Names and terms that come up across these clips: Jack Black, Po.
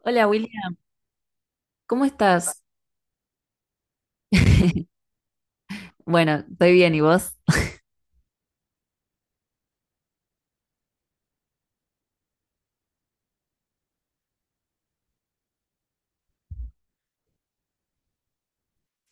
Hola William, ¿cómo estás? Bueno, estoy bien, ¿y vos?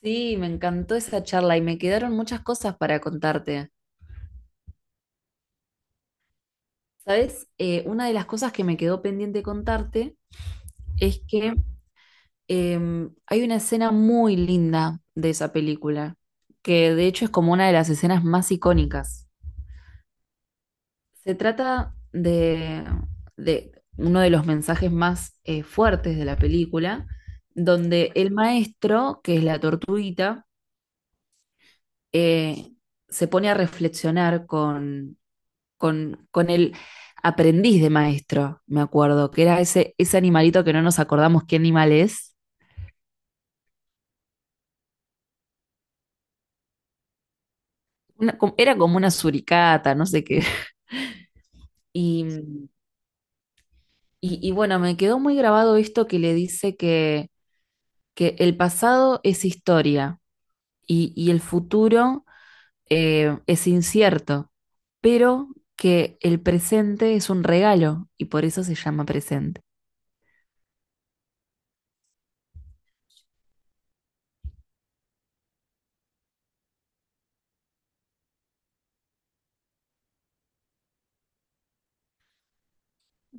Sí, me encantó esa charla y me quedaron muchas cosas para contarte. ¿Sabes? Una de las cosas que me quedó pendiente contarte es que hay una escena muy linda de esa película, que de hecho es como una de las escenas más icónicas. Se trata de uno de los mensajes más fuertes de la película, donde el maestro, que es la tortuguita, eh, se pone a reflexionar con el aprendiz de maestro, me acuerdo, que era ese, ese animalito que no nos acordamos qué animal es. Era como una suricata, no sé qué. Y, y bueno, me quedó muy grabado esto que le dice que el pasado es historia y el futuro es incierto, pero que el presente es un regalo y por eso se llama presente.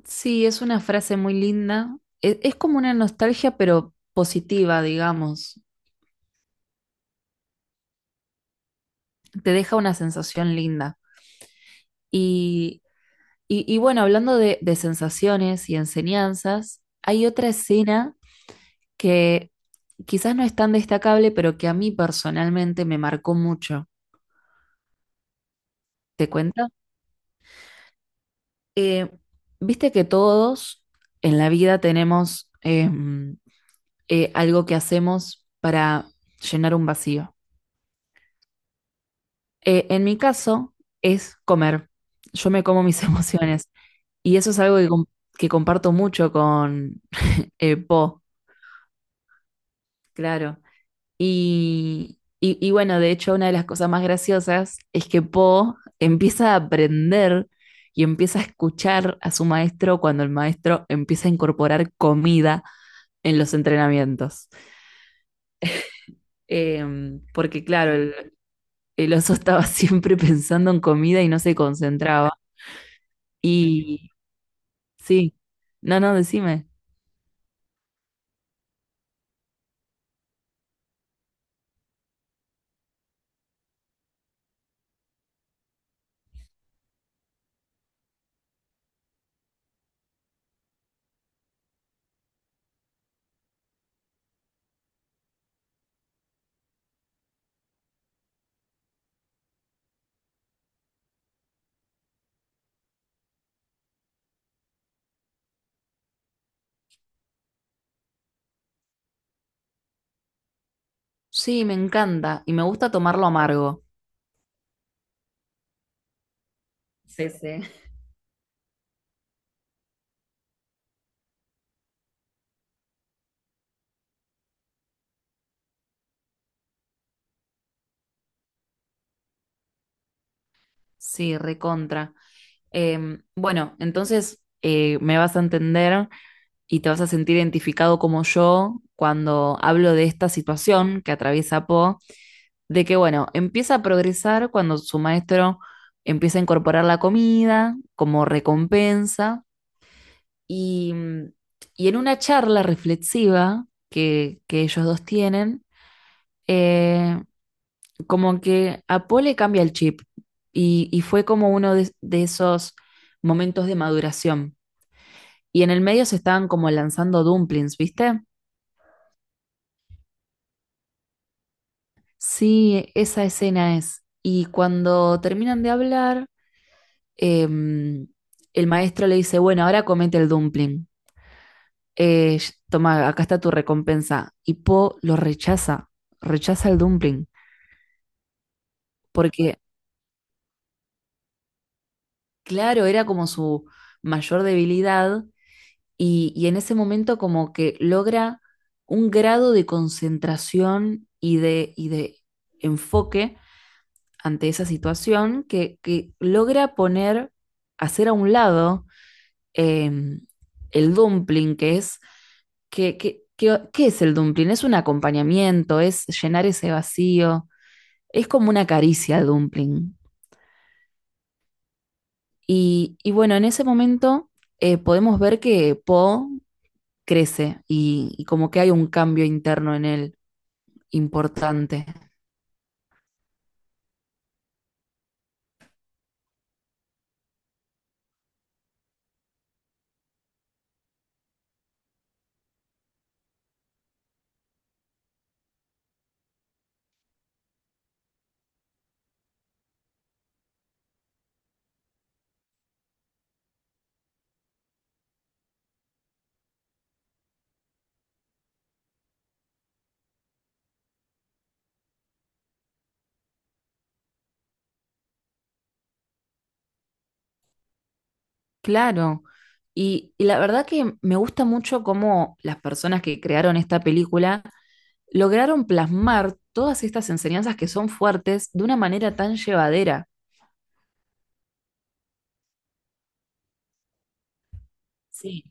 Sí, es una frase muy linda. Es, como una nostalgia, pero positiva, digamos. Te deja una sensación linda. Y, y bueno, hablando de sensaciones y enseñanzas, hay otra escena que quizás no es tan destacable, pero que a mí personalmente me marcó mucho. ¿Te cuento? Eh, Viste que todos en la vida tenemos algo que hacemos para llenar un vacío. En mi caso es comer. Yo me como mis emociones. Y eso es algo que comparto mucho con Po, claro. Y, bueno, de hecho, una de las cosas más graciosas es que Po empieza a aprender y empieza a escuchar a su maestro cuando el maestro empieza a incorporar comida en los entrenamientos. Porque claro, el oso estaba siempre pensando en comida y no se concentraba. Y, sí. No, no, decime. Sí, me encanta y me gusta tomarlo amargo. Sí, sí. Sí, recontra. Bueno, entonces me vas a entender y te vas a sentir identificado como yo cuando hablo de esta situación que atraviesa Po, de que, bueno, empieza a progresar cuando su maestro empieza a incorporar la comida como recompensa y, y en una charla reflexiva que ellos dos tienen, eh, como que a Paul le cambia el chip y fue como uno de esos momentos de maduración. Y en el medio se estaban como lanzando dumplings, ¿viste? Sí, esa escena es. Y cuando terminan de hablar, em, el maestro le dice, bueno, ahora comete el dumpling. Eh, Toma, acá está tu recompensa. Y Po lo rechaza, rechaza el dumpling, porque claro, era como su mayor debilidad y en ese momento como que logra un grado de concentración y de enfoque ante esa situación que logra poner, hacer a un lado em, el dumpling, que es, ¿qué es el dumpling? Es un acompañamiento, es llenar ese vacío, es como una caricia el dumpling. Y bueno, en ese momento podemos ver que Poe crece y como que hay un cambio interno en él importante. Claro. Y la verdad que me gusta mucho cómo las personas que crearon esta película lograron plasmar todas estas enseñanzas que son fuertes de una manera tan llevadera. Sí.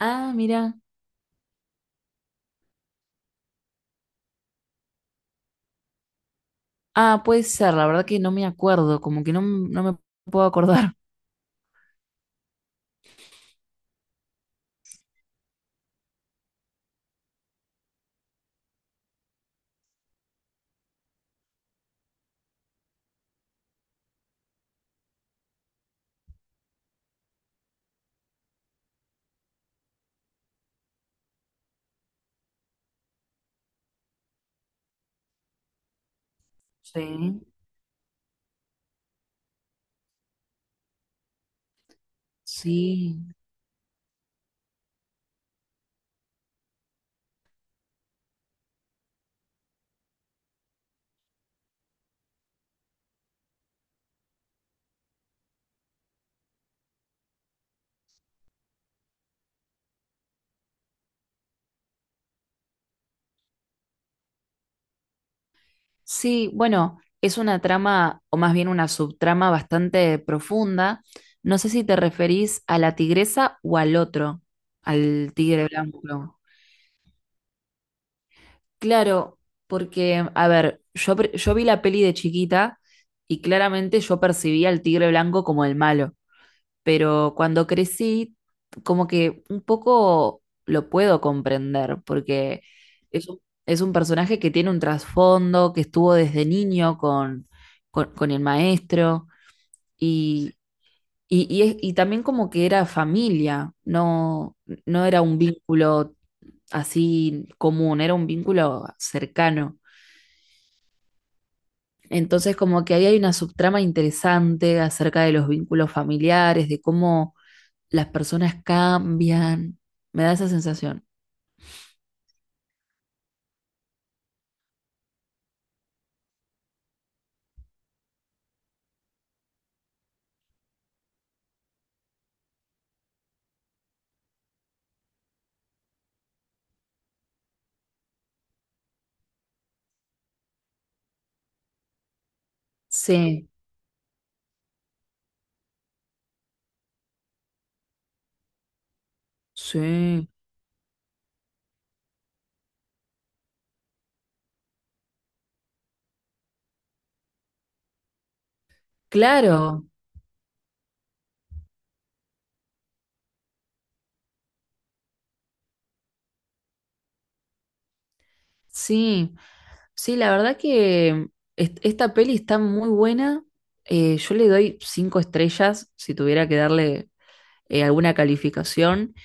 Ah, mira. Ah, puede ser, la verdad que no me acuerdo, como que no, no me puedo acordar. Sí. Sí, sí, bueno, es una trama, o más bien una subtrama bastante profunda. No sé si te referís a la tigresa o al otro, al tigre blanco. Claro, porque, a ver, yo, yo vi la peli de chiquita y claramente yo percibía al tigre blanco como el malo, pero cuando crecí, como que un poco lo puedo comprender, porque es un, es un personaje que tiene un trasfondo, que estuvo desde niño con, con el maestro, y, y, y también como que era familia, no, no era un vínculo así común, era un vínculo cercano. Entonces, como que ahí hay una subtrama interesante acerca de los vínculos familiares, de cómo las personas cambian, me da esa sensación. Sí, sí, claro, sí, sí, la verdad que esta peli está muy buena. Yo le doy 5 estrellas si tuviera que darle alguna calificación.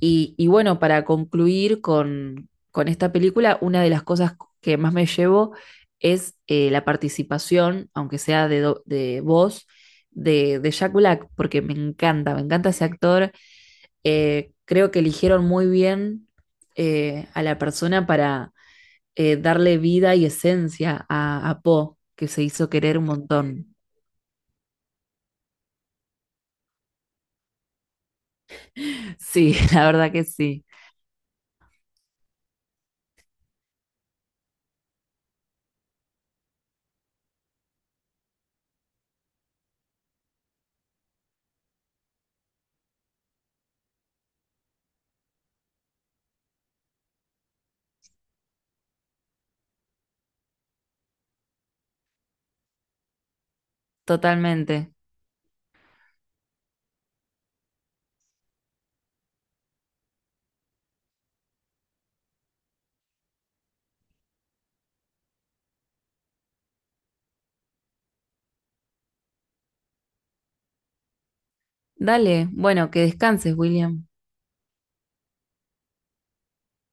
Y bueno, para concluir con esta película, una de las cosas que más me llevo es la participación, aunque sea de, de voz, de Jack Black, porque me encanta ese actor. Creo que eligieron muy bien a la persona para darle vida y esencia a Po, que se hizo querer un montón. Sí, la verdad que sí, totalmente. Dale, bueno, que descanses, William.